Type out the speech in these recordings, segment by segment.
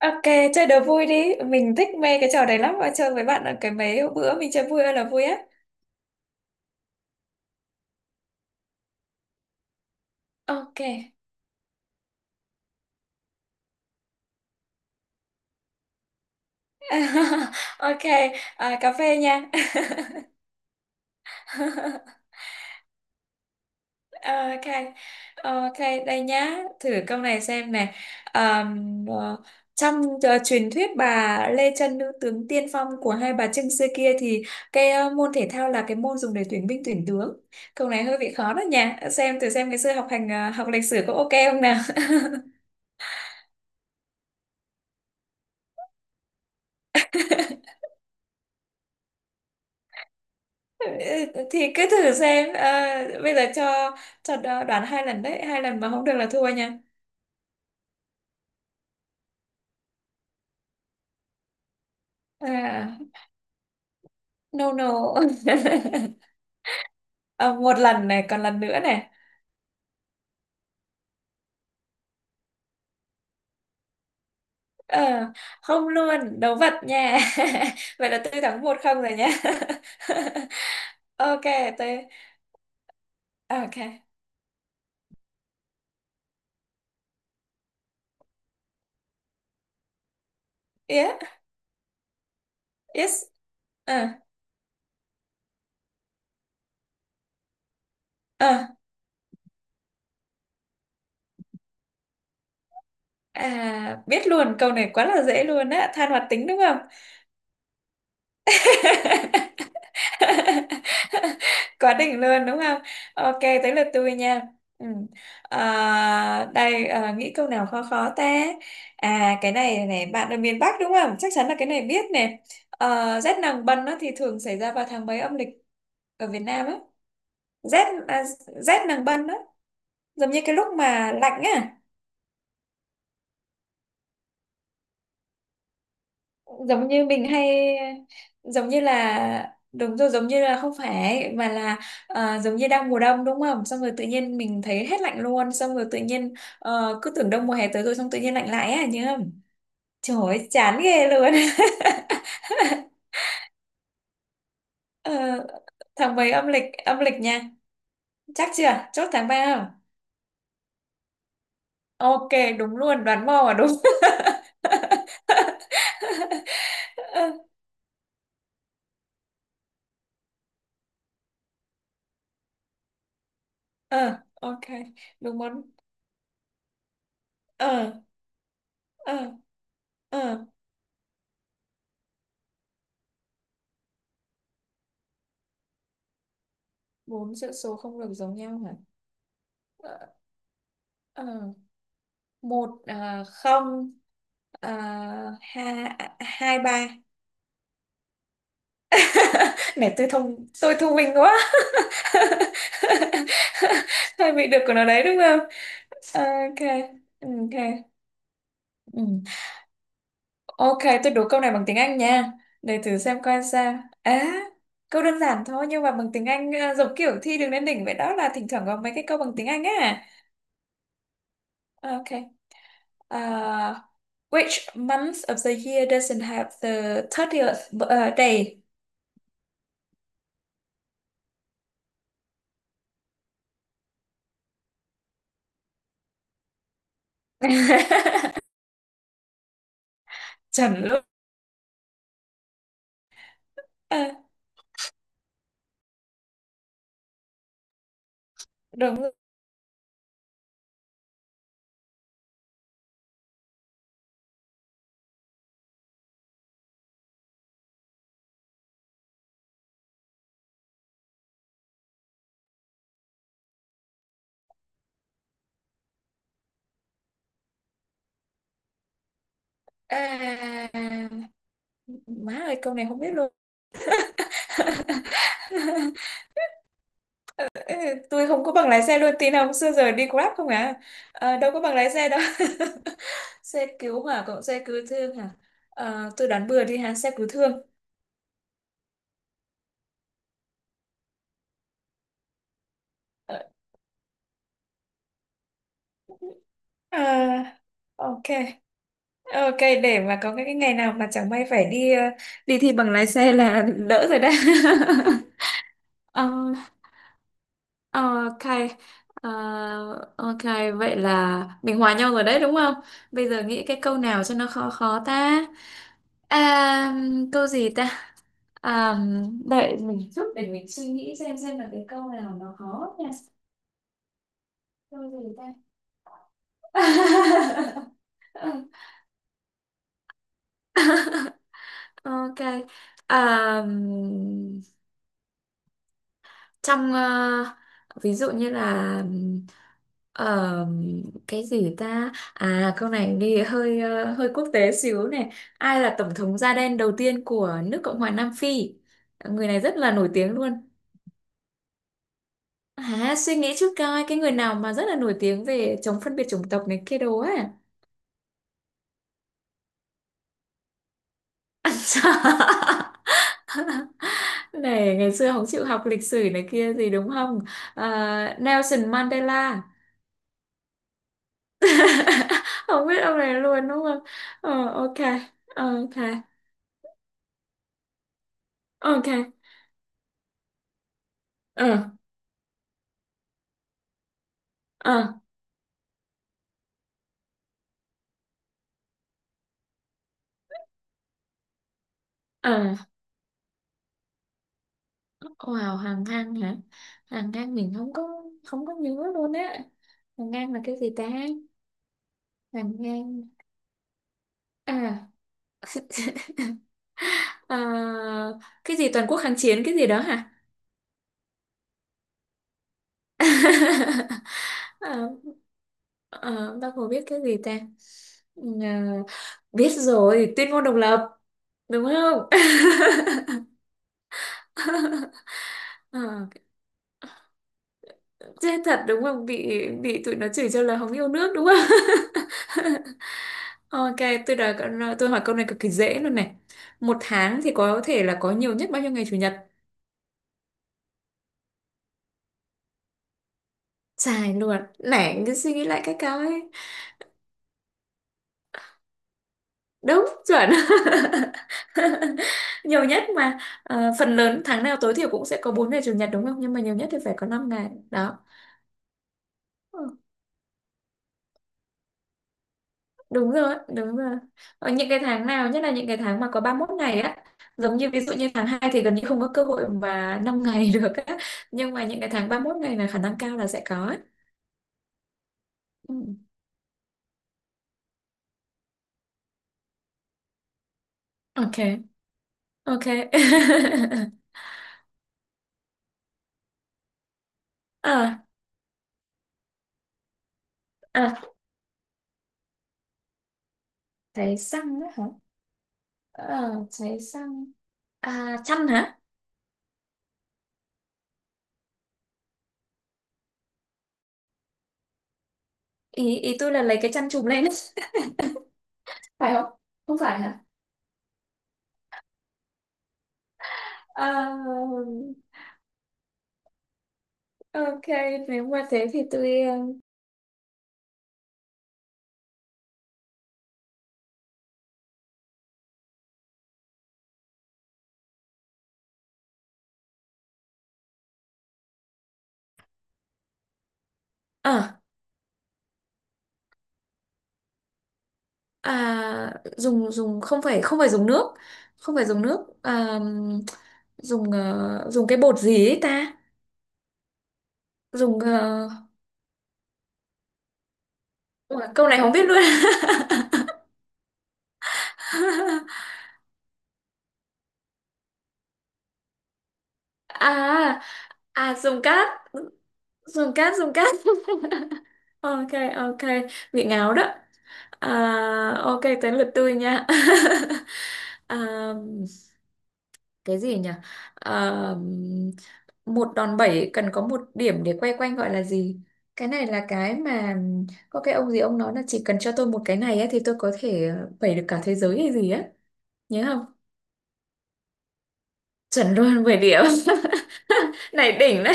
Ok, chơi đố vui đi. Mình thích mê cái trò đấy lắm và chơi với bạn ở cái mấy bữa mình chơi vui ơi là vui á. Ok. Ok, à, cà phê nha. Ok, ok, đây nhá. Thử câu này xem này. Ờm, ờ, trong truyền thuyết bà Lê Chân, nữ tướng tiên phong của hai bà Trưng xưa kia, thì cái môn thể thao là cái môn dùng để tuyển binh tuyển tướng. Câu này hơi bị khó đó nha. Xem thử xem ngày xưa học hành học lịch sử có ok không nào. Ừ, thì cứ thử xem à, bây giờ cho đoán 2 lần đấy, 2 lần mà không được là thua nha. À, no no. À, một lần này, còn lần nữa này. Ờ, Không, luôn đấu vật nha. Vậy là tôi thắng 1-0 rồi nha. Ok, tôi ok yeah. Yes. Ờ, ờ. À, biết luôn, câu này quá là dễ luôn á, than hoạt tính đúng không? Quá đỉnh luôn đúng không? Ok, tới lượt tôi nha. Ừ. À, đây. À, nghĩ câu nào khó khó ta. À, cái này này, bạn ở miền Bắc đúng không, chắc chắn là cái này biết nè. À, rét nàng bân á, thì thường xảy ra vào tháng mấy âm lịch ở Việt Nam á? Rét à, rét nàng bân á, giống như cái lúc mà lạnh á, giống như mình hay, giống như là, đúng rồi, giống như là không phải mà là giống như đang mùa đông đúng không, xong rồi tự nhiên mình thấy hết lạnh luôn, xong rồi tự nhiên cứ tưởng đông mùa hè tới rồi, xong tự nhiên lạnh lại á, nhớ không? Trời ơi, chán ghê luôn. Ờ, tháng mấy âm lịch, âm lịch nha. Chắc chưa, chốt tháng ba không? Ok, đúng luôn, đoán mò à, đúng. Ờ. ờ, ok, đúng món. ờ ờ ờ Bốn chữ số không được giống nhau hả? Ờ. Ờ, một, à, không, à, hai, 1023 này. Tôi thông minh quá. Hơi bị được của nó đấy đúng không? Ok, ok. Ừ. Ok, tôi đố câu này bằng tiếng Anh nha, để thử xem coi sao. À, câu đơn giản thôi nhưng mà bằng tiếng Anh, à, giống kiểu thi đường lên đỉnh vậy đó, là thỉnh thoảng có mấy cái câu bằng tiếng Anh á. Ok. À, which month of the year doesn't have the thirtieth day? Chuẩn luôn. À, đúng rồi. À, má ơi, câu này không biết luôn. Ừ, tôi không có bằng lái xe luôn, tin không, xưa giờ đi Grab không à. Ờ, đâu có bằng lái xe đâu. Xe cứu hỏa cộng xe cứu thương hả? Ờ, tôi đoán bừa đi ha, xe cứu thương. Ờ, à, ok, ok, để mà có cái ngày nào mà chẳng may phải đi đi thi bằng lái xe là đỡ rồi đấy. Ờ. Ờ. Ok, ờ, ok, vậy là mình hòa nhau rồi đấy đúng không? Bây giờ nghĩ cái câu nào cho nó khó khó ta. À, câu gì ta? À, đợi mình chút để mình suy nghĩ xem là cái câu nào nó khó nha. Câu gì ta? Ok, à, trong ví dụ như là ờ, cái gì ta, à, câu này đi hơi hơi quốc tế xíu này. Ai là tổng thống da đen đầu tiên của nước Cộng hòa Nam Phi? Người này rất là nổi tiếng luôn. À, suy nghĩ trước coi cái người nào mà rất là nổi tiếng về chống phân biệt chủng tộc này kia đồ á. Này, ngày xưa không chịu học lịch sử này kia gì đúng không? À, Nelson Mandela. Không biết ông này luôn đúng không? Ờ, ok. Ờ, ok. Ờ, ok. ờ ờ ờ wow, hàng ngang hả? Hàng ngang mình không có, không có nhớ luôn á. Hàng ngang là cái gì ta? Hàng ngang. À. Ờ, cái gì toàn quốc kháng chiến cái gì đó hả? Ờ, ờ, bác Hồ biết cái gì ta? Ừ. Ờ, biết rồi, tuyên ngôn độc lập đúng không? Ờ. Chết thật đúng không? Bị tụi nó chửi cho là không yêu nước đúng không? Ok, tôi đã tôi hỏi câu này cực kỳ dễ luôn này. Một tháng thì có thể là có nhiều nhất bao nhiêu ngày chủ nhật? Dài luôn. Nãy cứ suy nghĩ lại cái câu ấy. Đúng, chuẩn. Nhiều nhất mà. Ờ, phần lớn tháng nào tối thiểu cũng sẽ có 4 ngày chủ nhật đúng không? Nhưng mà nhiều nhất thì phải có 5 ngày. Đó. Đúng rồi, đúng rồi. Ở những cái tháng nào, nhất là những cái tháng mà có 31 ngày á, giống như ví dụ như tháng 2 thì gần như không có cơ hội mà 5 ngày được á. Nhưng mà những cái tháng 31 ngày là khả năng cao là sẽ có ấy. Ừ. Ok, ok. À. À, cháy xăng á hả? À, cháy xăng. À, chăn hả? Ý, ý tôi là lấy cái chăn chùm lên. Phải không? Không phải hả? À, ok, nếu mà thế thì tôi... ờ. À, dùng dùng không phải, không phải dùng nước, không phải dùng nước, à, dùng dùng cái bột gì ấy ta, dùng ủa, câu này không biết luôn. À, à, dùng cát. Ok, ok, bị ngáo đó. À, ok, tới lượt tôi nha. À, cái gì nhỉ? À, một đòn bẩy cần có một điểm để quay quanh gọi là gì? Cái này là cái mà, có cái ông gì ông nói là chỉ cần cho tôi một cái này ấy, thì tôi có thể bẩy được cả thế giới hay gì á, nhớ không? Chuẩn luôn, 10 điểm. Này đỉnh đấy.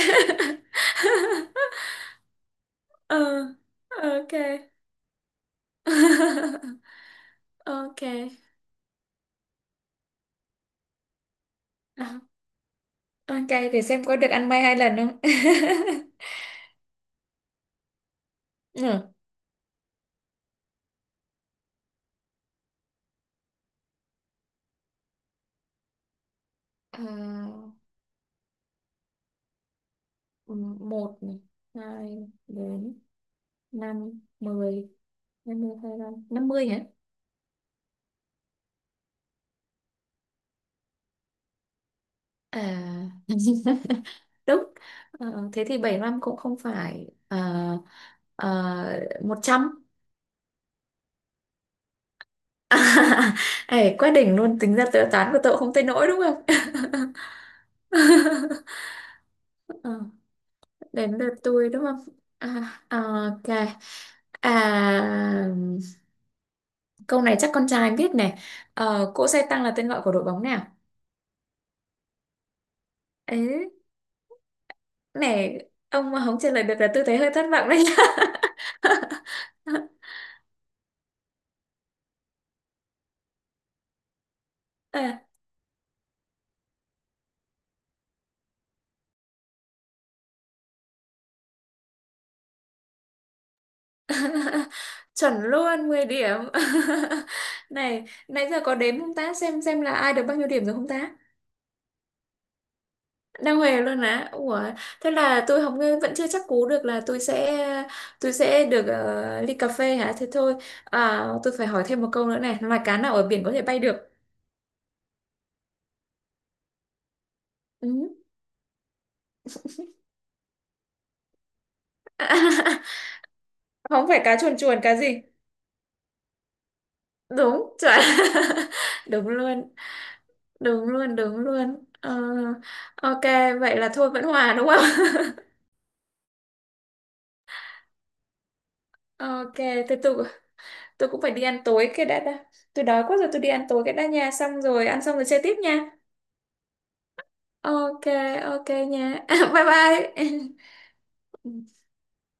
Ừ, ok. Ok. À, ok, để xem có được ăn may hai lần không. Ừ. À, một này, hai, bốn, năm, mười, hai mươi, hai mươi năm, mươi hả? À, đúng. Ờ, thế thì bảy năm cũng không phải, uh, 100. Ê, quá đỉnh luôn, tính ra tự toán của tôi cũng không tới nỗi đúng không? Ờ, đến lượt tôi đúng không? À, ờ, ok. À, câu này chắc con trai biết này. Ờ, cỗ xe tăng là tên gọi của đội bóng nào? Ê, này, ông mà không trả lời được là tôi thấy hơi thất vọng đấy. À, chuẩn luôn, 10 điểm. Này nãy giờ có đếm không ta, xem là ai được bao nhiêu điểm rồi không ta? Đang huề luôn á, ủa, thế là tôi không, vẫn chưa chắc cú được là tôi sẽ, tôi sẽ được ly cà phê hả, thế thôi. À, tôi phải hỏi thêm một câu nữa này, loài cá nào ở biển có thể bay được? Ừ. Không phải, cá chuồn chuồn, cá gì? Đúng chuẩn. Đúng luôn, đúng luôn, đúng luôn. Ờ, ok, vậy là thôi vẫn hòa đúng không? Ok, tiếp tục. Tôi cũng phải đi ăn tối cái đã. Tôi đói quá rồi, tôi đi ăn tối cái đã nha, xong rồi ăn xong rồi chơi tiếp nha. Ok, ok nha. Bye bye.